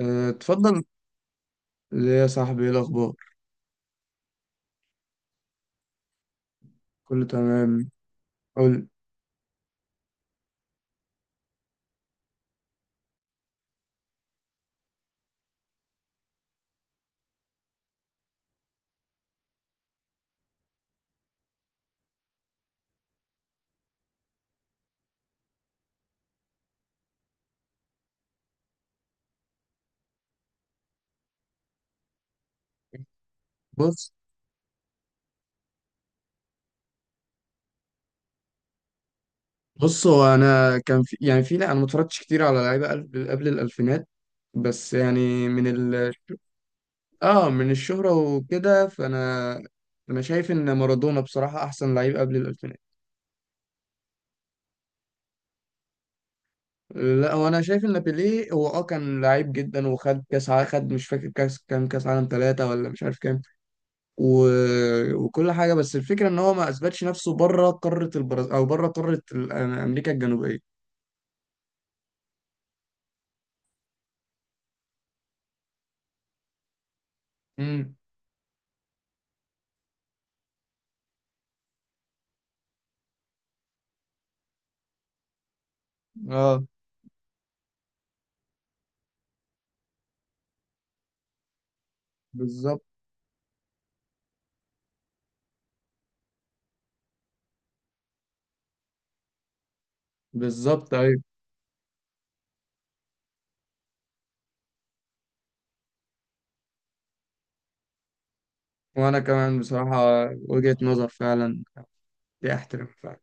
أه، اتفضل. ليه يا صاحبي ايه الاخبار؟ كله تمام. قول. بص بص. هو انا كان في لا انا ما اتفرجتش كتير على لعيبه قبل الالفينات، بس يعني من ال اه من الشهره وكده فانا انا شايف ان مارادونا بصراحه احسن لعيب قبل الالفينات. لا، هو انا شايف ان بيليه هو كان لعيب جدا، وخد كاس خد مش فاكر كاس كام، كاس عالم 3 ولا مش عارف كام، و... وكل حاجه. بس الفكره ان هو ما اثبتش نفسه بره قاره البرازيل او بره قاره امريكا الجنوبيه. امم. اه. بالظبط، بالظبط، ايوه. وانا كمان بصراحه، وجهه نظر فعلا دي، احترم فعلا.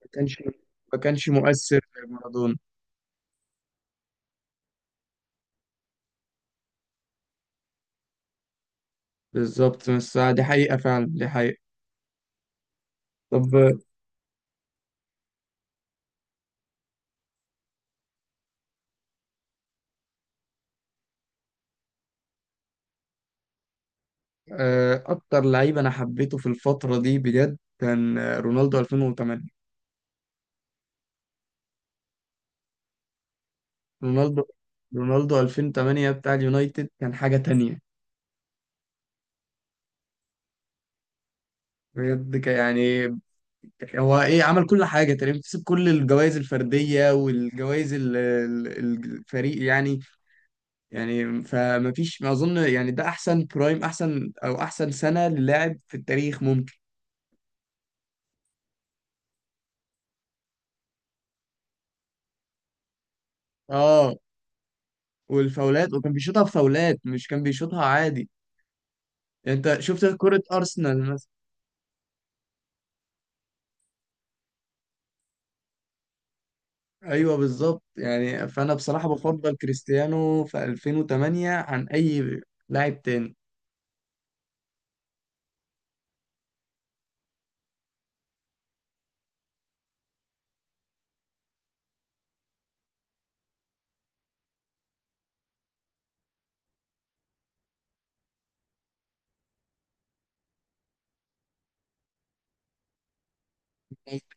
ما كانش ما كانش مؤثر زي مارادونا. بالظبط، بس دي حقيقه فعلا، دي حقيقه. طب، اكتر لعيب انا حبيته في الفتره دي بجد كان رونالدو 2008. رونالدو رونالدو 2008 بتاع اليونايتد كان حاجه تانية بجد، يعني هو ايه، عمل كل حاجه تقريبا، كسب كل الجوائز الفرديه والجوائز الفريق يعني. يعني فما فيش ما اظن، يعني ده احسن برايم، احسن او احسن سنه للاعب في التاريخ ممكن. اه، والفاولات، وكان بيشوطها بفاولات، مش كان بيشوطها عادي. يعني انت شفت كره ارسنال مثلا. ايوه بالظبط. يعني فانا بصراحه بفضل كريستيانو في 2008 عن اي لاعب تاني.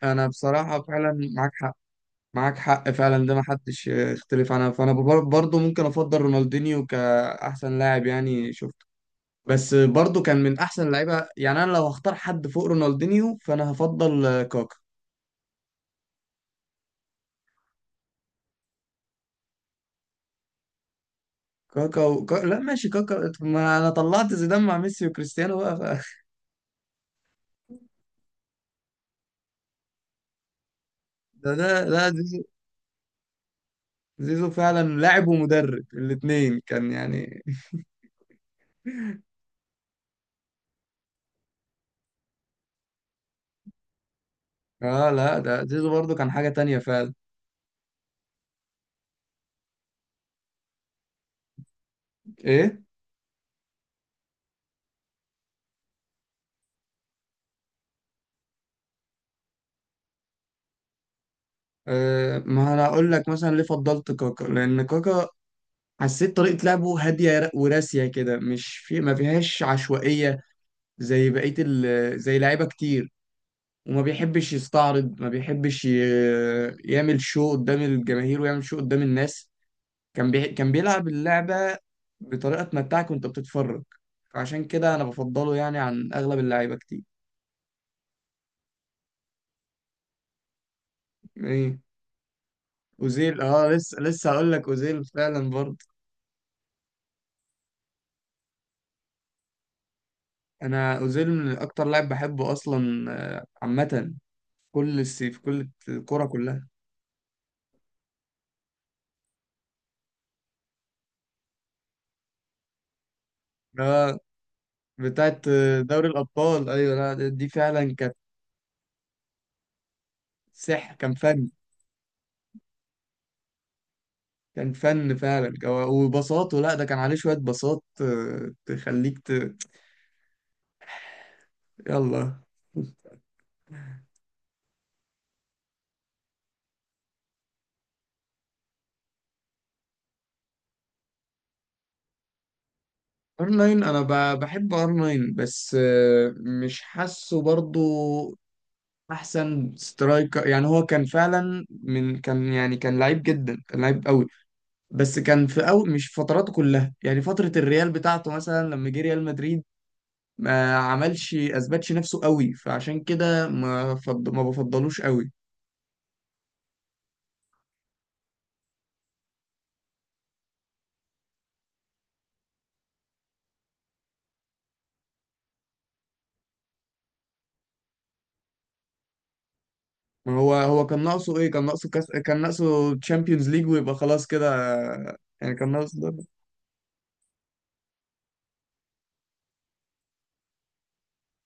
انا بصراحه فعلا معاك حق. معاك حق فعلا، ده ما حدش يختلف عنها. فانا برضو ممكن افضل رونالدينيو كاحسن لاعب يعني شفته. بس برضو كان من احسن اللعيبه. يعني انا لو هختار حد فوق رونالدينيو فانا هفضل كاكا. لا ماشي كاكا، ما انا طلعت زيدان مع ميسي وكريستيانو بقى ده ده لا، زيزو. زيزو فعلا لاعب ومدرب، الاثنين كان يعني اه لا، ده زيزو برضو كان حاجه تانية فعلا. ايه؟ ما انا اقول لك مثلا ليه فضلت كاكا، لان كاكا حسيت طريقة لعبه هادية وراسية كده، مش في ما فيهاش عشوائية زي زي لعيبة كتير. وما بيحبش يستعرض، ما بيحبش يعمل شو قدام الجماهير ويعمل شو قدام الناس. كان بيلعب اللعبة بطريقة تمتعك وانت بتتفرج. فعشان كده انا بفضله يعني عن اغلب اللعيبة كتير. ايه؟ اوزيل، اه، لسه هقول لك اوزيل فعلا برضه. انا اوزيل من اكتر لاعب بحبه اصلا، عامة، كل السي في كل الكرة كلها. اه، بتاعت دوري الأبطال. أيوة، لا دي فعلا كانت سح، كان فن. كان فن فعلا، وبساطه. لا ده كان عليه شوية بساط، تخليك يلا. ار 9، انا بحب ار 9، بس مش حاسه برضو احسن سترايكر. يعني هو كان فعلا من كان، يعني كان لعيب جدا، كان لعيب قوي، بس كان في أول، مش في فتراته كلها. يعني فترة الريال بتاعته مثلا لما جه ريال مدريد ما عملش، اثبتش نفسه قوي، فعشان كده ما بفضلوش قوي. ما هو، هو كان ناقصه ايه؟ كان ناقصه كاس، كان ناقصه تشامبيونز ليج، ويبقى خلاص كده. يعني كان ناقصه ده.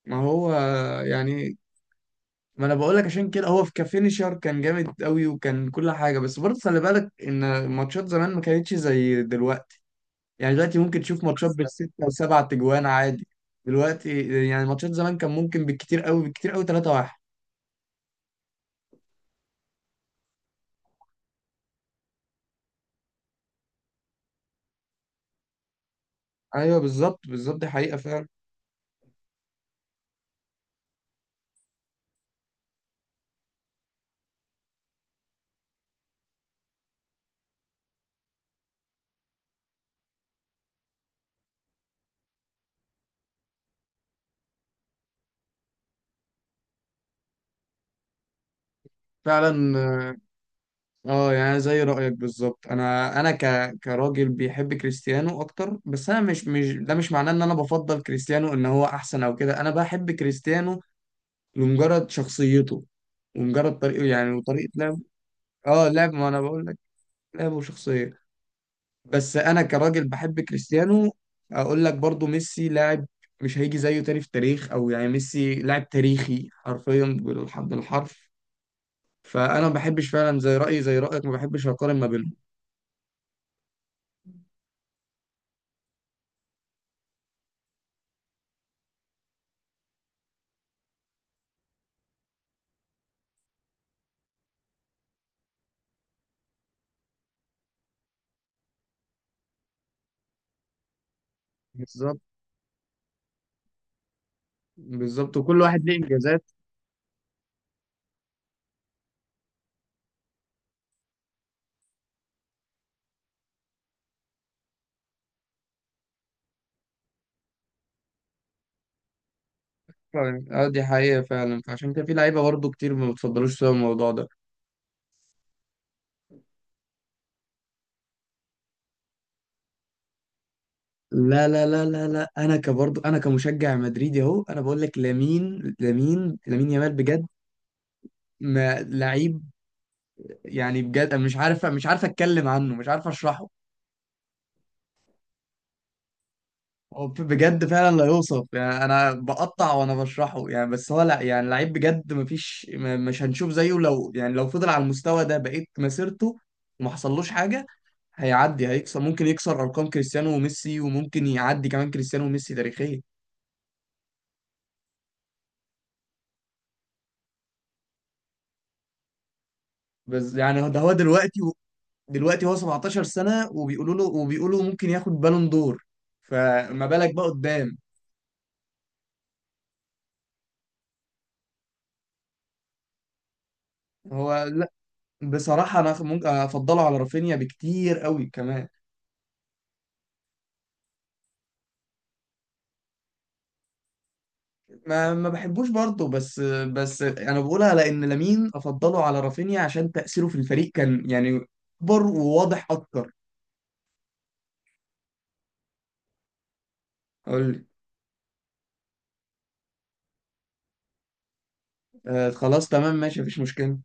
ما هو، يعني ما انا بقول لك، عشان كده هو في كفينيشر كان جامد قوي، وكان كل حاجه. بس برضه خلي بالك ان ماتشات زمان ما كانتش زي دلوقتي. يعني دلوقتي ممكن تشوف ماتشات بالستة وسبعة تجوان عادي. دلوقتي، يعني ماتشات زمان كان ممكن بالكتير قوي، بالكتير قوي، 3-1. ايوه، بالظبط، بالظبط، دي حقيقة فعلا. فعلا. اه، يعني زي رأيك بالظبط. كراجل بيحب كريستيانو اكتر، بس انا مش مش ده مش معناه ان انا بفضل كريستيانو ان هو احسن او كده. انا بحب كريستيانو لمجرد شخصيته، ومجرد طريقه يعني، وطريقة لعبه. اه، لعب، ما انا بقول لك، لعبه وشخصية، بس انا كراجل بحب كريستيانو. اقول لك برضو ميسي لاعب مش هيجي زيه تاني في التاريخ، او يعني ميسي لاعب تاريخي حرفيا، بالحرف بالحرف. فانا ما بحبش فعلا، زي رأيي زي رأيك، ما بحبش اقارن ما بينهم. بالظبط، بالظبط، وكل واحد ليه انجازات. فعلا، اه دي حقيقة فعلا. فعشان كده في لعيبة برضه كتير ما بتفضلوش سوا الموضوع ده. لا لا لا لا لا، انا كبرضه، انا كمشجع مدريدي اهو، انا بقول لك، لامين يامال بجد، ما لعيب، يعني بجد أنا مش عارف اتكلم عنه، مش عارف اشرحه. هو بجد فعلا لا يوصف. يعني انا بقطع وانا بشرحه، يعني بس هو، لا يعني، لعيب بجد، مفيش مش هنشوف زيه لو، يعني لو فضل على المستوى ده بقيت مسيرته وما حصلوش حاجه، هيعدي، هيكسر، ممكن يكسر ارقام كريستيانو وميسي، وممكن يعدي كمان كريستيانو وميسي تاريخيا. بس يعني ده هو دلوقتي هو 17 سنه، وبيقولوا له، وبيقولوا ممكن ياخد بالون دور، فما بالك بقى قدام. هو لا، بصراحه انا ممكن افضله على رافينيا بكتير قوي كمان. ما بحبوش برضه بس انا بقولها لان لامين افضله على رافينيا عشان تاثيره في الفريق كان يعني اكبر وواضح اكتر. اقول لي. آه، خلاص تمام، ماشي، مفيش مشكله.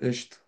قشطه.